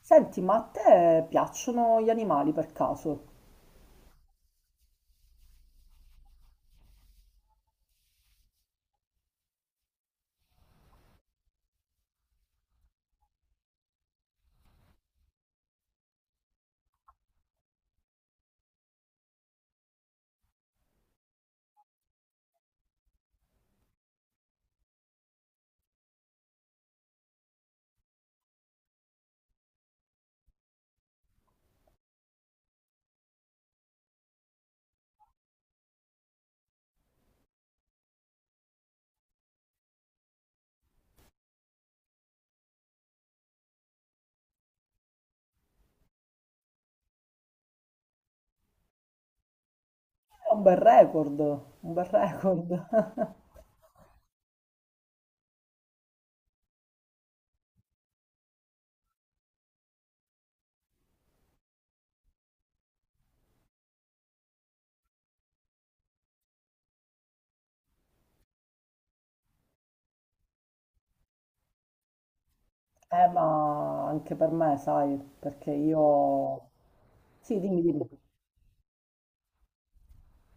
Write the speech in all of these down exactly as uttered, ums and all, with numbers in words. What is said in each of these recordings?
Senti, ma a te piacciono gli animali per caso? È un bel record, un bel record. Eh, ma anche per me, sai, perché io... Sì, dimmi, dimmi.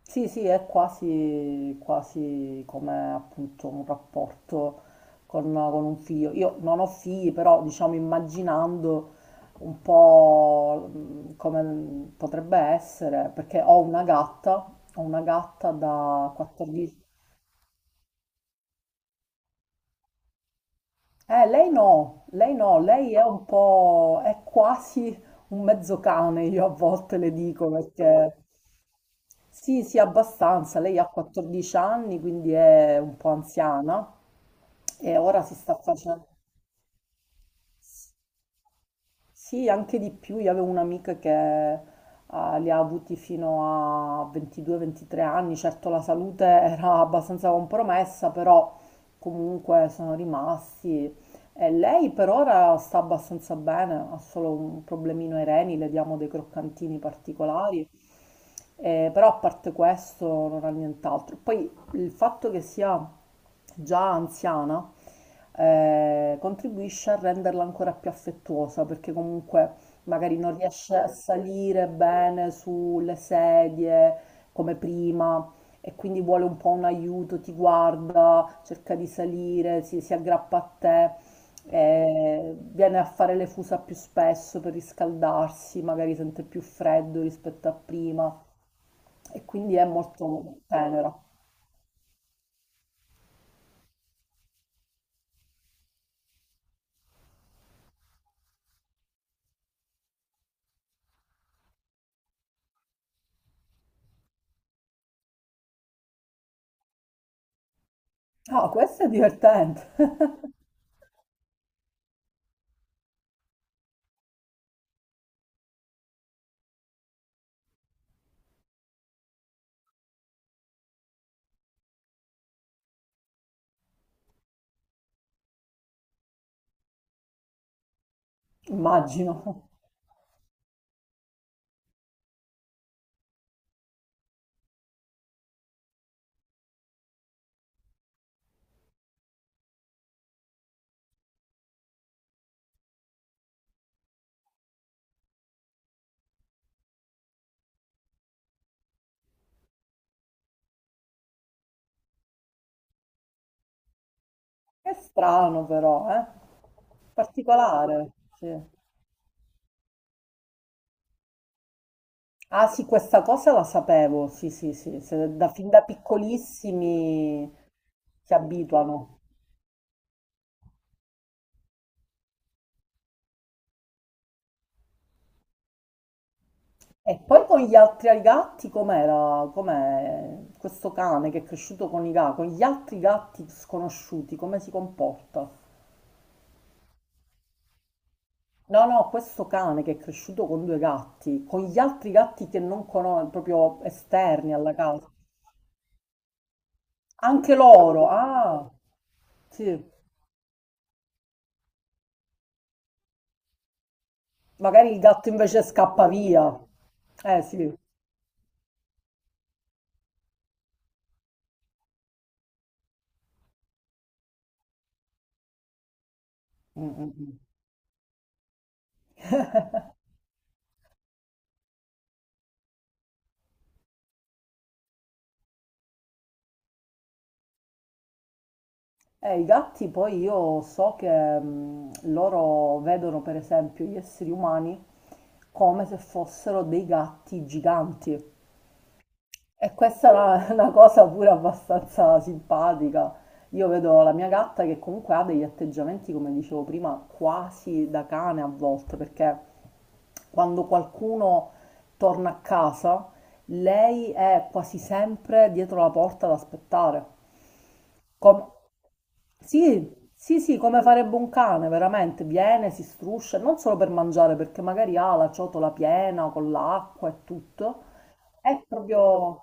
Sì, sì, è quasi, quasi come appunto un rapporto con, con un figlio. Io non ho figli, però diciamo immaginando un po' mh, come potrebbe essere, perché ho una gatta, ho una gatta da quattordici. Eh, lei no, lei no, lei è un po', è quasi un mezzo cane, io a volte le dico, perché sì, sì, abbastanza, lei ha quattordici anni, quindi è un po' anziana e ora si sta facendo. Sì, anche di più. Io avevo un'amica che eh, li ha avuti fino a ventidue ventitré anni. Certo, la salute era abbastanza compromessa, però comunque sono rimasti. E lei per ora sta abbastanza bene, ha solo un problemino ai reni, le diamo dei croccantini particolari. Eh, però a parte questo non ha nient'altro. Poi il fatto che sia già anziana eh, contribuisce a renderla ancora più affettuosa perché comunque magari non riesce a salire bene sulle sedie come prima e quindi vuole un po' un aiuto, ti guarda, cerca di salire, si, si aggrappa a te. Eh, viene a fare le fusa più spesso per riscaldarsi, magari sente più freddo rispetto a prima e quindi è molto tenera. Ah, questo è divertente, immagino. È strano però, eh? Particolare, sì. Ah sì, questa cosa la sapevo, sì sì sì, se da, fin da piccolissimi si abituano. E poi con gli altri gatti com'era? Com'è questo cane che è cresciuto con i gatti, con gli altri gatti sconosciuti, come si comporta? No, no, questo cane che è cresciuto con due gatti, con gli altri gatti che non conosco, proprio esterni alla casa, anche loro, ah, sì. Magari il gatto invece scappa via. Eh sì. Mm, mm, mm. Eh, i gatti poi io so che mm, loro vedono per esempio gli esseri umani come se fossero dei gatti giganti. E questa è una, una cosa pure abbastanza simpatica. Io vedo la mia gatta che comunque ha degli atteggiamenti, come dicevo prima, quasi da cane a volte, perché quando qualcuno torna a casa, lei è quasi sempre dietro la porta ad aspettare. Com- sì, sì, sì, come farebbe un cane, veramente. Viene, si struscia, non solo per mangiare, perché magari ha la ciotola piena con l'acqua e tutto. È proprio...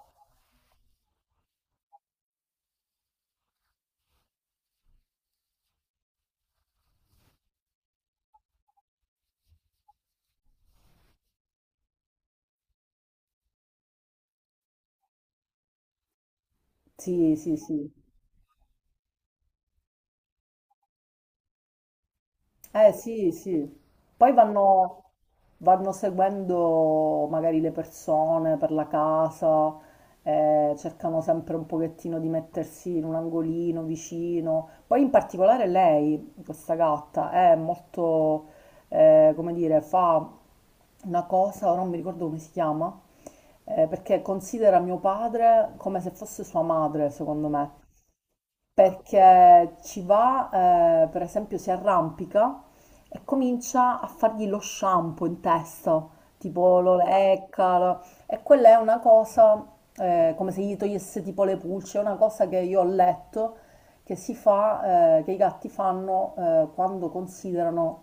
Sì, sì, sì. Eh sì, sì. Poi vanno, vanno seguendo magari le persone per la casa, eh, cercano sempre un pochettino di mettersi in un angolino vicino. Poi in particolare lei, questa gatta, è molto, eh, come dire, fa una cosa, ora non mi ricordo come si chiama, eh, perché considera mio padre come se fosse sua madre, secondo me perché ci va, eh, per esempio, si arrampica e comincia a fargli lo shampoo in testa, tipo lo lecca, lo- e quella è una cosa, eh, come se gli togliesse tipo le pulce, è una cosa che io ho letto che si fa, eh, che i gatti fanno eh, quando considerano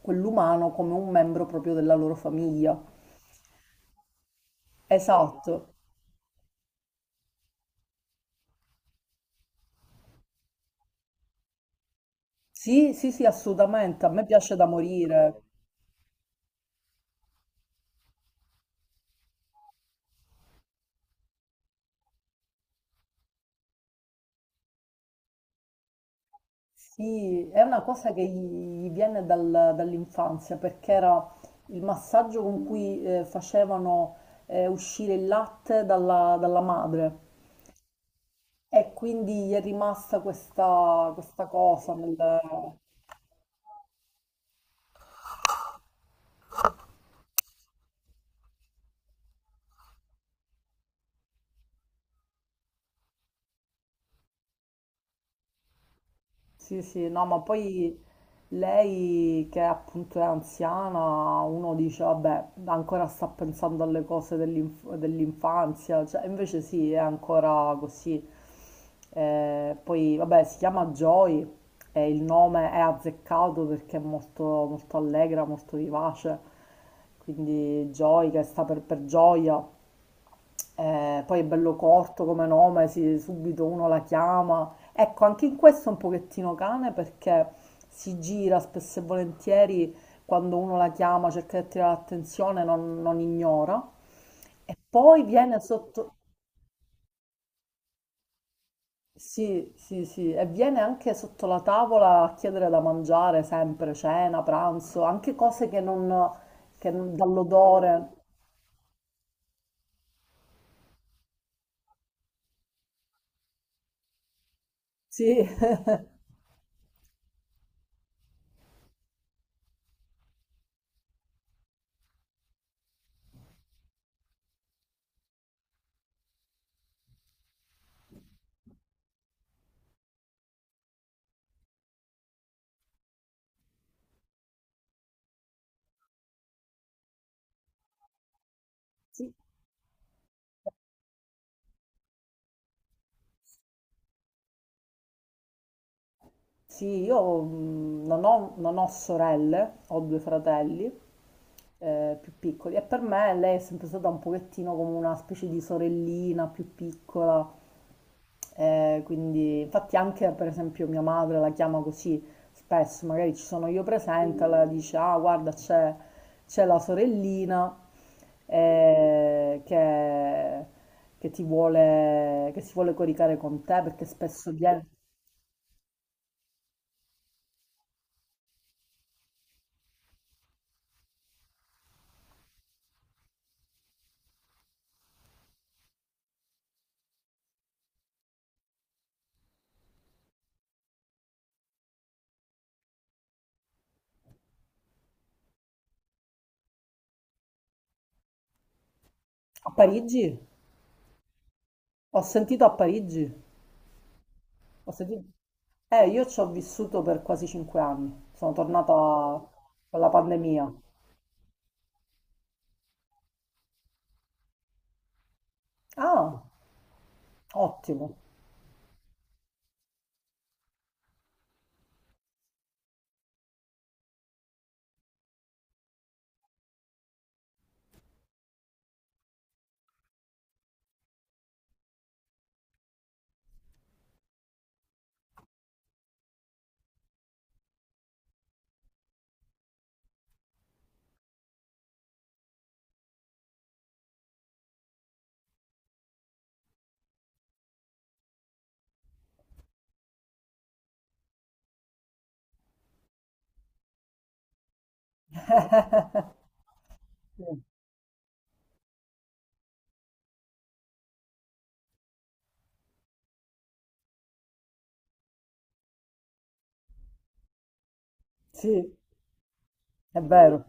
quell'umano come un membro proprio della loro famiglia. Esatto. Sì, sì, sì, assolutamente, a me piace da morire. Sì, è una cosa che gli gli viene dal- dall'infanzia perché era il massaggio con cui eh, facevano eh, uscire il latte dalla, dalla madre e quindi gli è rimasta questa, questa cosa nel, sì, sì, no, ma poi lei che appunto è anziana, uno dice, vabbè, ancora sta pensando alle cose dell'inf- dell'infanzia, cioè, invece sì, è ancora così. Eh, poi, vabbè, si chiama Joy e il nome è azzeccato perché è molto, molto allegra, molto vivace, quindi Joy che sta per per gioia. Eh, poi è bello corto come nome, si- subito uno la chiama. Ecco, anche in questo è un pochettino cane perché si gira spesso e volentieri quando uno la chiama, cerca di attirare l'attenzione, non, non ignora. E poi viene sotto, sì, sì, sì, e viene anche sotto la tavola a chiedere da mangiare sempre, cena, pranzo, anche cose che non, che non- dall'odore. Sì, sì. Sì, io mh, non ho, non ho sorelle, ho due fratelli eh, più piccoli e per me lei è sempre stata un pochettino come una specie di sorellina più piccola, eh, quindi infatti anche per esempio mia madre la chiama così spesso, magari ci sono io presente, allora dice ah guarda c'è c'è la sorellina eh, che, che ti vuole, che si vuole coricare con te perché spesso viene a Parigi. Ho sentito a Parigi, ho sentito... Eh, io ci ho vissuto per quasi cinque anni, sono tornata con la pandemia. Ah, ottimo. Sì, sì, è vero.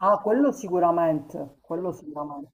Ah, quello sicuramente, quello sicuramente.